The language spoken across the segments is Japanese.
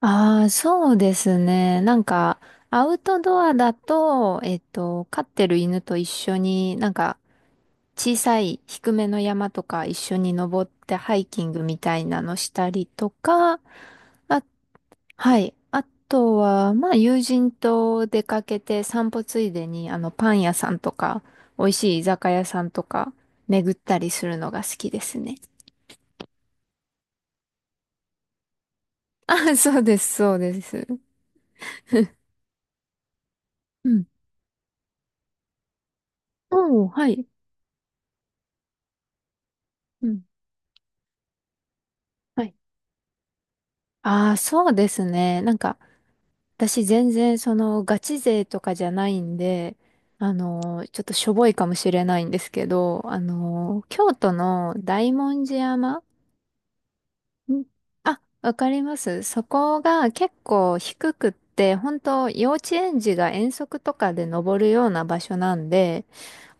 ああ、そうですね。なんか、アウトドアだと、飼ってる犬と一緒に、なんか、小さい低めの山とか一緒に登ってハイキングみたいなのしたりとか、あ、はい。あとは、まあ、友人と出かけて散歩ついでに、パン屋さんとか、美味しい居酒屋さんとか、巡ったりするのが好きですね。あ、そうです、そうです。うん。おー、はい。うん。はい。ああ、そうですね。なんか、私全然そのガチ勢とかじゃないんで、ちょっとしょぼいかもしれないんですけど、京都の大文字山。ん。あ、わかります。そこが結構低くって、本当幼稚園児が遠足とかで登るような場所なんで、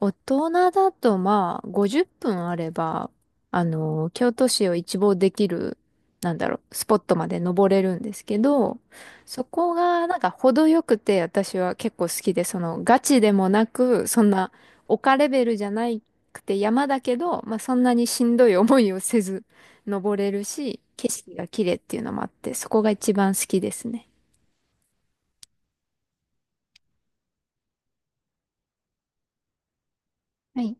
大人だとまあ50分あれば、京都市を一望できる、なんだろう、スポットまで登れるんですけど、そこがなんか程よくて私は結構好きで、そのガチでもなく、そんな丘レベルじゃなくて山だけど、まあそんなにしんどい思いをせず登れるし、景色が綺麗っていうのもあって、そこが一番好きですね。はい。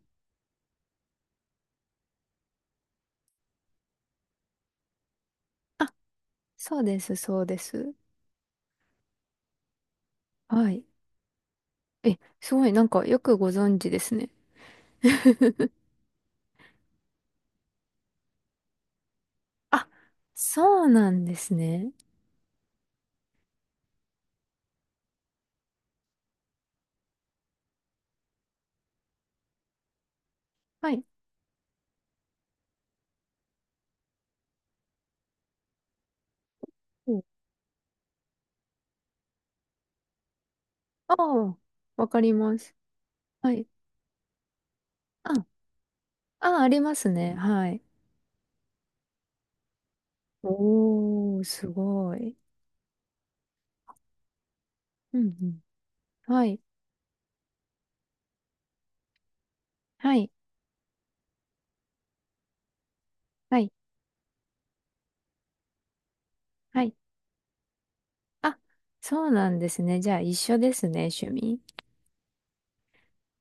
あ、そうです、そうです。はい。え、すごい、なんかよくご存知ですね。あ、そうなんですね。はい。お。ああ、わかります。はい。あ、あ、ありますね。はい。おー、すごい。うんうん。はい。はい。はい。はい。あ、そうなんですね。じゃあ、一緒ですね、趣味。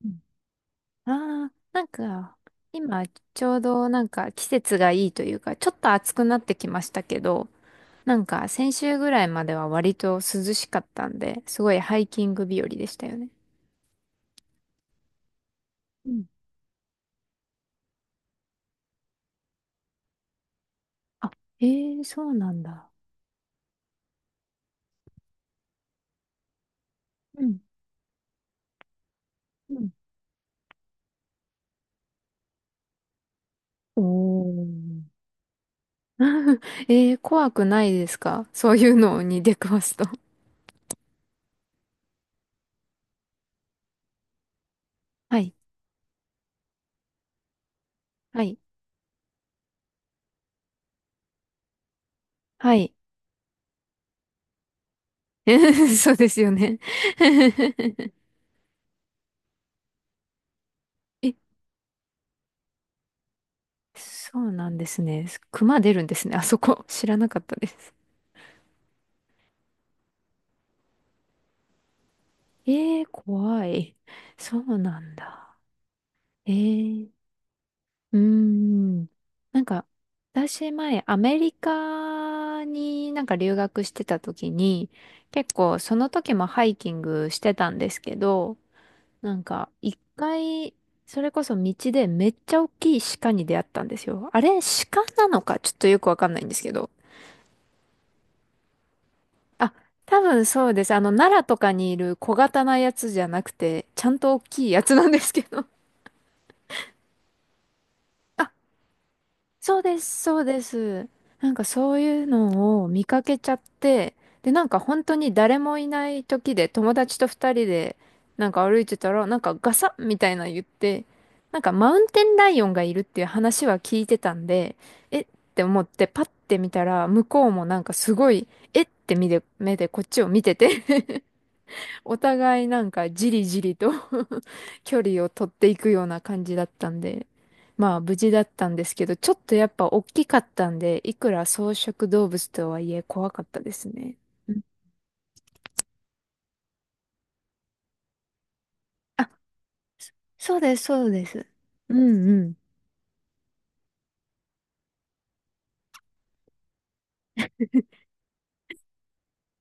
うん。ああ、なんか、今、ちょうどなんか季節がいいというか、ちょっと暑くなってきましたけど、なんか先週ぐらいまでは割と涼しかったんで、すごいハイキング日和でしたよね。うん。あ、えー、そうなんだ。うん。うん。おー。えー、怖くないですか？ そういうのに出くわすと。はい。はい。はい。そうですよね。え、そうなんですね。熊出るんですね。あそこ。知らなかったです。えー、怖い。そうなんだ。ええ、うーん。なんか、私前、アメリカになんか留学してた時に、結構その時もハイキングしてたんですけど、なんか一回、それこそ道でめっちゃ大きい鹿に出会ったんですよ。あれ、鹿なのかちょっとよくわかんないんですけど。あ、多分そうです。奈良とかにいる小型なやつじゃなくて、ちゃんと大きいやつなんですけど。あ、そうです、そうです。なんかそういうのを見かけちゃって、で、なんか本当に誰もいない時で友達と二人でなんか歩いてたら、なんかガサッみたいなの言って、なんかマウンテンライオンがいるっていう話は聞いてたんで、えって思ってパッて見たら、向こうもなんかすごい、えって目で、目でこっちを見ててお互いなんかじりじりと 距離を取っていくような感じだったんで、まあ無事だったんですけど、ちょっとやっぱ大きかったんで、いくら草食動物とはいえ怖かったですね。うん。あ、そそうです、そうです。うんうん。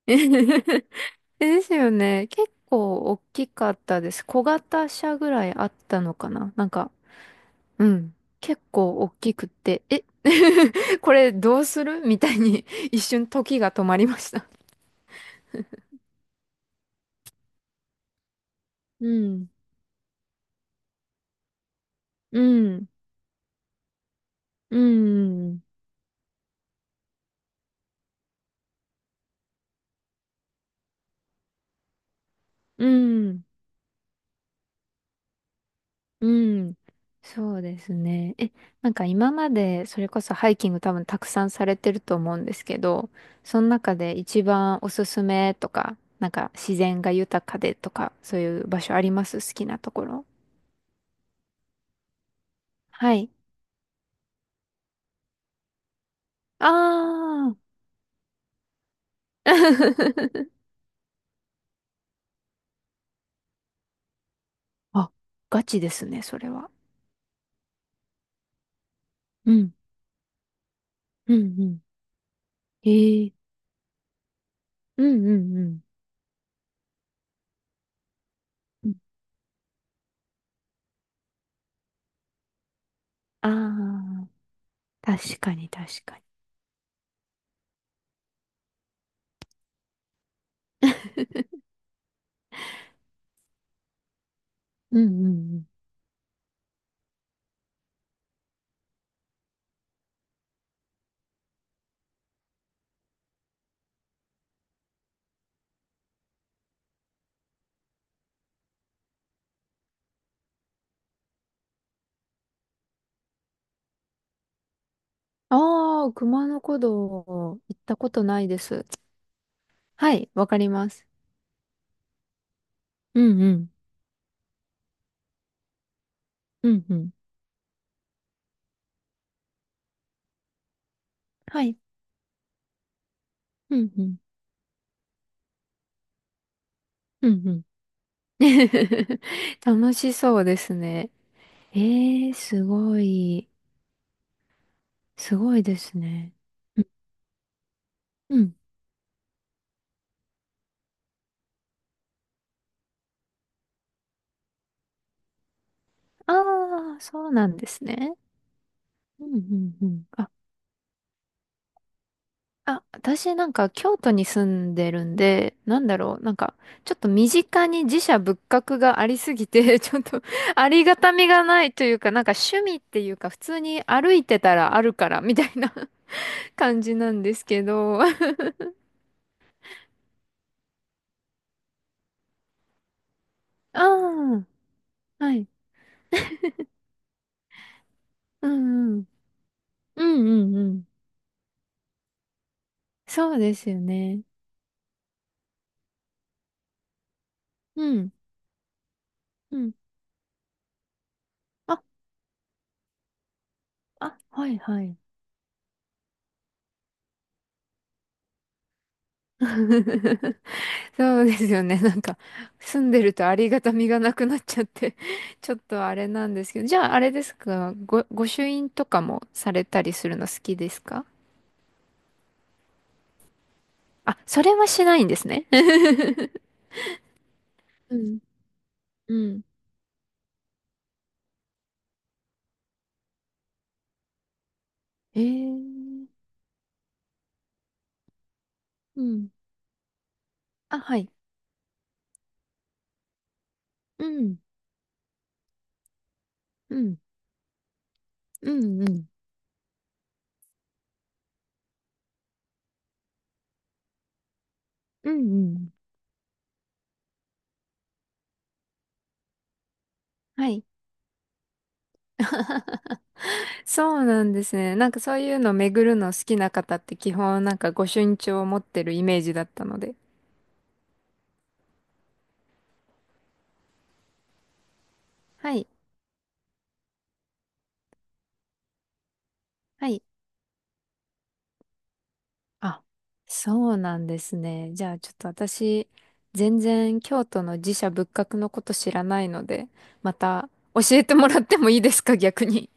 ですよね。結構大きかったです。小型車ぐらいあったのかななんか、うん。結構大きくって、え、 これどうするみたいに一瞬時が止まりました。うん、うん、うん、うん、うん、そうですね。え、なんか今までそれこそハイキング多分たくさんされてると思うんですけど、その中で一番おすすめとか、なんか自然が豊かでとか、そういう場所あります？好きなところ。はい。あー。 あ、ガチですね、それは。うん、うん、うん。えー、うん、うん、うん。ああー、確かに確かに。うんうんうん。ああ、熊野古道行ったことないです。はい、わかります。うんうん。うんうん。はい。うんうん。うんうん。楽しそうですね。ええ、すごい。すごいですね。うん。ああー、そうなんですね。うんうんうん。あ、あ、私なんか京都に住んでるんで、なんだろう、なんかちょっと身近に寺社仏閣がありすぎて、ちょっとありがたみがないというか、なんか趣味っていうか普通に歩いてたらあるからみたいな 感じなんですけど。ああ、はい。うんうん。うんうんうん。そうですよね。うん。うん。あ、あ、はいはい。そうですよね。なんか、住んでるとありがたみがなくなっちゃって ちょっとあれなんですけど。じゃあ、あれですか、御朱印とかもされたりするの好きですか？あ、それはしないんですね。うん、うん。えー、うん。あ、はい。うん、うん、うん、うん、うん、うん。はい。そうなんですね。なんかそういうの巡るの好きな方って基本なんか御朱印帳を持ってるイメージだったので。はい。はい。あ、そうなんですね。じゃあちょっと私、全然京都の寺社仏閣のこと知らないので、また教えてもらってもいいですか、逆に。